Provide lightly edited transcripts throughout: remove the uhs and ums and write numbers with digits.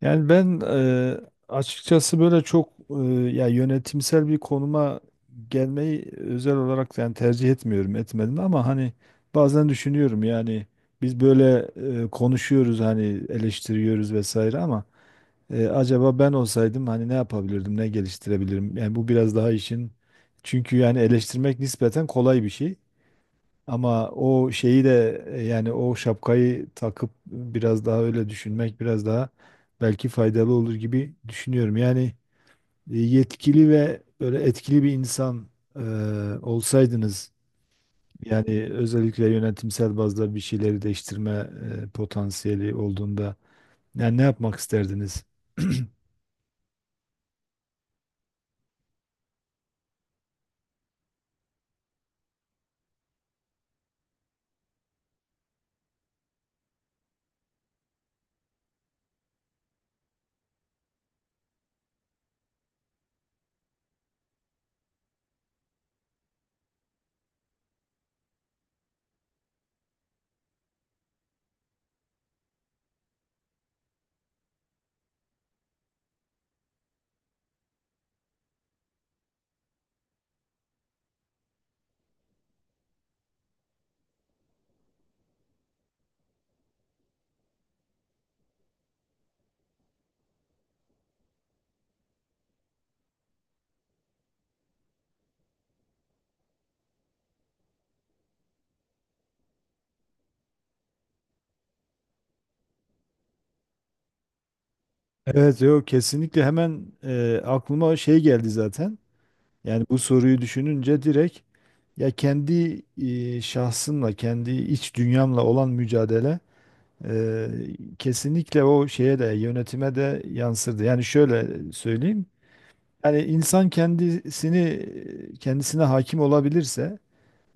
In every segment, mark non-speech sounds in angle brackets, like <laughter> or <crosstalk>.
Yani ben açıkçası böyle çok ya yönetimsel bir konuma gelmeyi özel olarak yani tercih etmiyorum etmedim ama hani bazen düşünüyorum yani biz böyle konuşuyoruz hani eleştiriyoruz vesaire ama acaba ben olsaydım hani ne yapabilirdim ne geliştirebilirim yani bu biraz daha işin. Çünkü yani eleştirmek nispeten kolay bir şey. Ama o şeyi de yani o şapkayı takıp biraz daha öyle düşünmek biraz daha belki faydalı olur gibi düşünüyorum. Yani yetkili ve böyle etkili bir insan e, olsaydınız yani özellikle yönetimsel bazda bir şeyleri değiştirme potansiyeli olduğunda yani ne yapmak isterdiniz? <clears throat> Evet, yok, kesinlikle hemen aklıma şey geldi zaten. Yani bu soruyu düşününce direkt. Ya kendi şahsımla, kendi iç dünyamla olan mücadele e, kesinlikle o şeye de yönetime de yansırdı. Yani şöyle söyleyeyim. Yani insan kendisini kendisine hakim olabilirse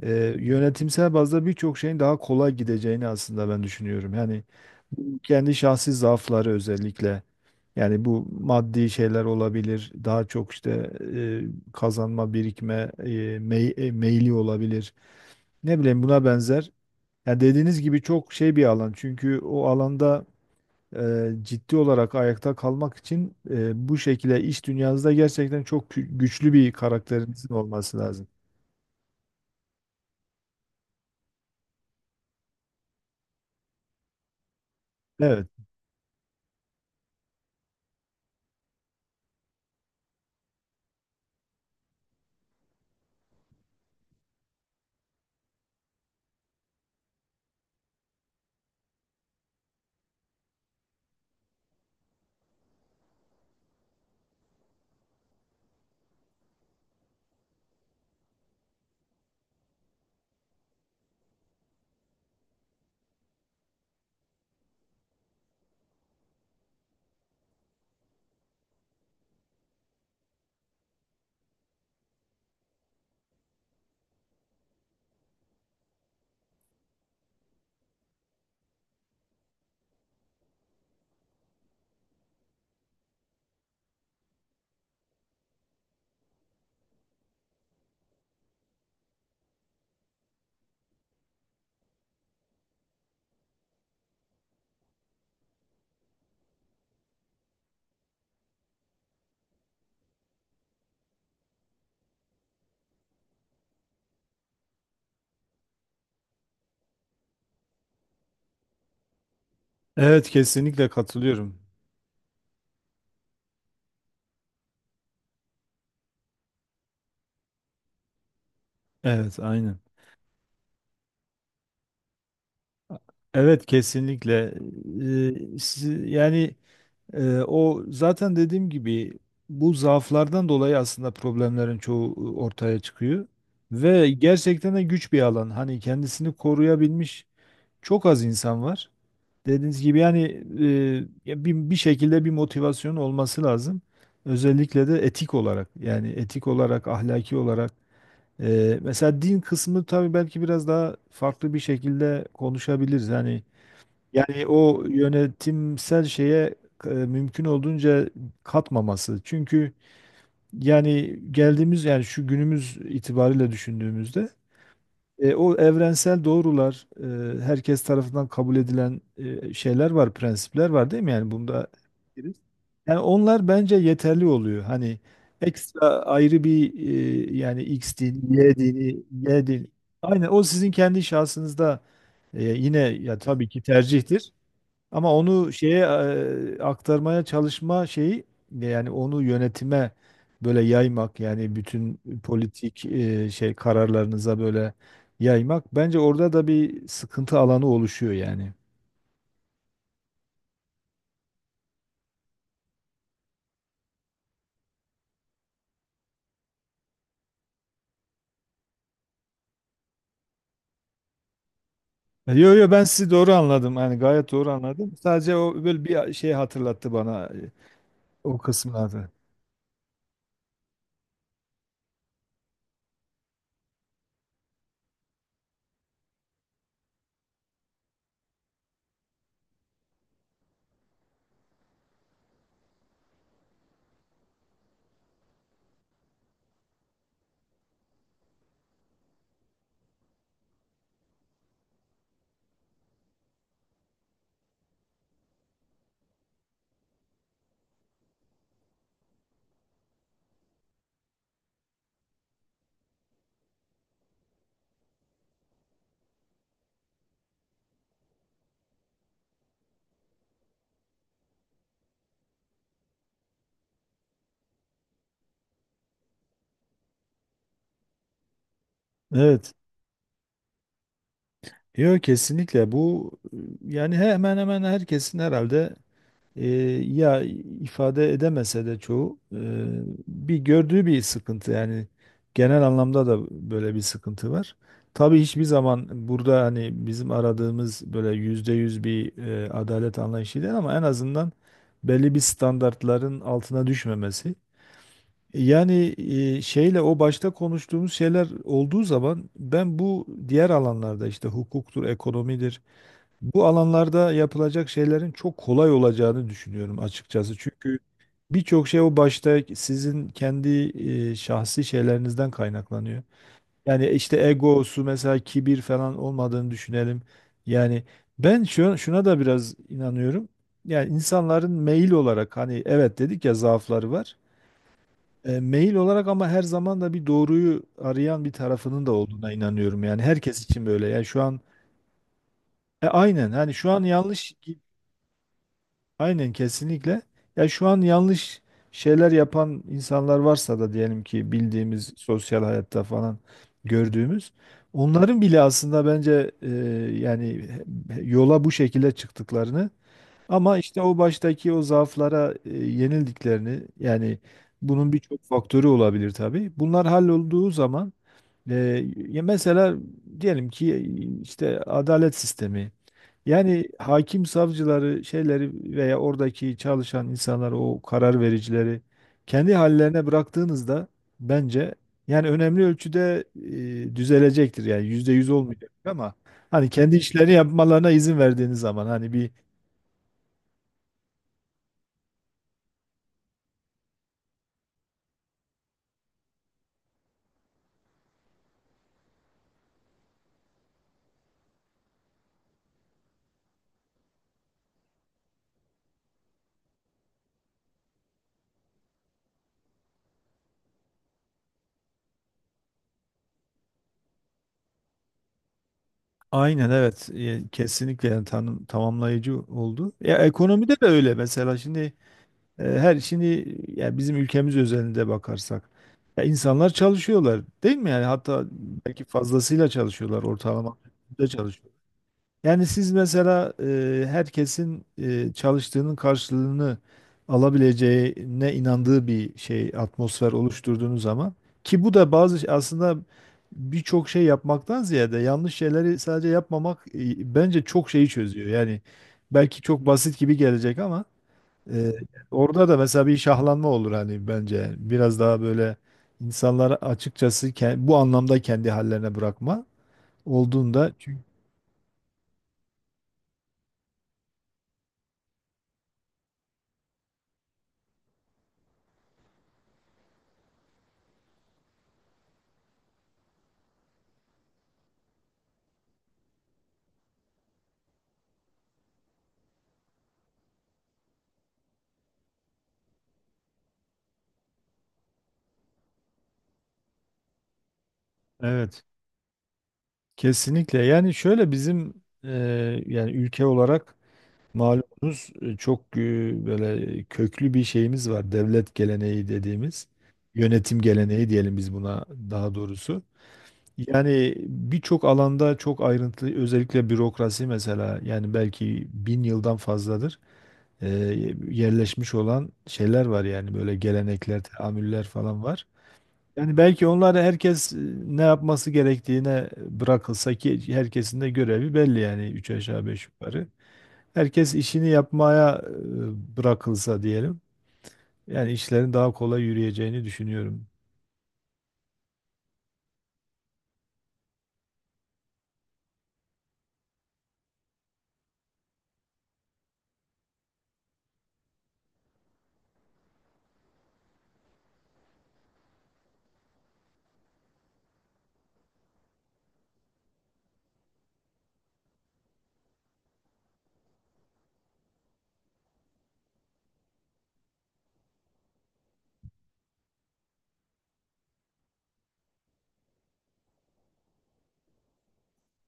yönetimsel bazda birçok şeyin daha kolay gideceğini aslında ben düşünüyorum. Yani kendi şahsi zaafları özellikle yani bu maddi şeyler olabilir. Daha çok işte e, kazanma, birikme meyli olabilir, ne bileyim buna benzer. Ya dediğiniz gibi çok şey bir alan. Çünkü o alanda ciddi olarak ayakta kalmak için bu şekilde iş dünyanızda gerçekten çok güçlü bir karakterinizin olması lazım. Evet. Evet, kesinlikle katılıyorum. Evet, aynen. Evet, kesinlikle. Yani o zaten dediğim gibi bu zaaflardan dolayı aslında problemlerin çoğu ortaya çıkıyor. Ve gerçekten de güç bir alan. Hani kendisini koruyabilmiş çok az insan var. Dediğiniz gibi yani ya bir, bir şekilde bir motivasyon olması lazım. Özellikle de etik olarak, yani etik olarak, ahlaki olarak. Mesela din kısmı tabii belki biraz daha farklı bir şekilde konuşabiliriz. Yani yani o yönetimsel şeye mümkün olduğunca katmaması. Çünkü yani geldiğimiz, yani şu günümüz itibariyle düşündüğümüzde o evrensel doğrular, herkes tarafından kabul edilen şeyler var, prensipler var, değil mi? Yani bunda yani onlar bence yeterli oluyor. Hani ekstra ayrı bir yani X dini, Y dini, Y dini. Aynen o sizin kendi şahsınızda yine ya tabii ki tercihtir. Ama onu şeye aktarmaya çalışma şeyi, yani onu yönetime böyle yaymak, yani bütün politik şey kararlarınıza böyle yaymak bence orada da bir sıkıntı alanı oluşuyor yani. Yo yo, ben sizi doğru anladım. Yani gayet doğru anladım. Sadece o böyle bir şey hatırlattı bana o kısımlarda. Evet. Yok, kesinlikle bu yani hemen hemen herkesin herhalde e, ya ifade edemese de çoğu bir gördüğü bir sıkıntı, yani genel anlamda da böyle bir sıkıntı var. Tabii hiçbir zaman burada hani bizim aradığımız böyle %100 bir adalet anlayışı değil, ama en azından belli bir standartların altına düşmemesi. Yani şeyle o başta konuştuğumuz şeyler olduğu zaman ben bu diğer alanlarda işte hukuktur, ekonomidir, bu alanlarda yapılacak şeylerin çok kolay olacağını düşünüyorum açıkçası. Çünkü birçok şey o başta sizin kendi şahsi şeylerinizden kaynaklanıyor. Yani işte egosu mesela, kibir falan olmadığını düşünelim. Yani ben şuna da biraz inanıyorum. Yani insanların meyil olarak, hani evet dedik ya, zaafları var. Meyil olarak, ama her zaman da bir doğruyu arayan bir tarafının da olduğuna inanıyorum. Yani herkes için böyle. Yani şu an aynen, hani şu an yanlış. Aynen, kesinlikle. Ya şu an yanlış şeyler yapan insanlar varsa da, diyelim ki bildiğimiz sosyal hayatta falan gördüğümüz, onların bile aslında bence yani yola bu şekilde çıktıklarını ama işte o baştaki o zaaflara yenildiklerini, yani bunun birçok faktörü olabilir tabii. Bunlar hallolduğu zaman ya mesela, diyelim ki işte adalet sistemi. Yani hakim, savcıları, şeyleri veya oradaki çalışan insanları, o karar vericileri kendi hallerine bıraktığınızda bence yani önemli ölçüde düzelecektir. Yani %100 olmayacak, ama hani kendi işlerini yapmalarına izin verdiğiniz zaman, hani bir. Aynen evet. Kesinlikle, yani tanım, tamamlayıcı oldu. Ya ekonomide de öyle mesela, şimdi her şimdi yani bizim ülkemiz özelinde bakarsak, ya insanlar çalışıyorlar değil mi? Yani hatta belki fazlasıyla çalışıyorlar, ortalama da çalışıyor. Yani siz mesela herkesin çalıştığının karşılığını alabileceğine inandığı bir şey, atmosfer oluşturduğunuz zaman ki bu da bazı şey, aslında birçok şey yapmaktan ziyade yanlış şeyleri sadece yapmamak bence çok şeyi çözüyor. Yani belki çok basit gibi gelecek, ama ee, orada da mesela bir şahlanma olur hani bence. Biraz daha böyle insanlar açıkçası bu anlamda kendi hallerine bırakma olduğunda çünkü evet, kesinlikle. Yani şöyle, bizim e, yani ülke olarak malumunuz çok böyle köklü bir şeyimiz var. Devlet geleneği dediğimiz, yönetim geleneği diyelim biz buna, daha doğrusu. Yani birçok alanda çok ayrıntılı, özellikle bürokrasi mesela, yani belki 1000 yıldan fazladır e, yerleşmiş olan şeyler var, yani böyle gelenekler, teamüller falan var. Yani belki onları herkes ne yapması gerektiğine bırakılsa, ki herkesin de görevi belli yani, üç aşağı beş yukarı. Herkes işini yapmaya bırakılsa diyelim. Yani işlerin daha kolay yürüyeceğini düşünüyorum.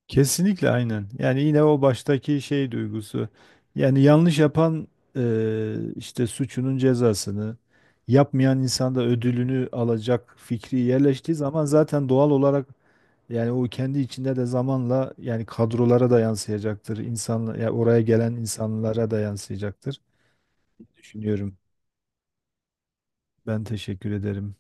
Kesinlikle, aynen. Yani yine o baştaki şey duygusu. Yani yanlış yapan işte suçunun cezasını, yapmayan insan da ödülünü alacak fikri yerleştiği zaman, zaten doğal olarak yani o kendi içinde de zamanla yani kadrolara da yansıyacaktır. İnsanla, ya oraya gelen insanlara da yansıyacaktır. Düşünüyorum. Ben teşekkür ederim.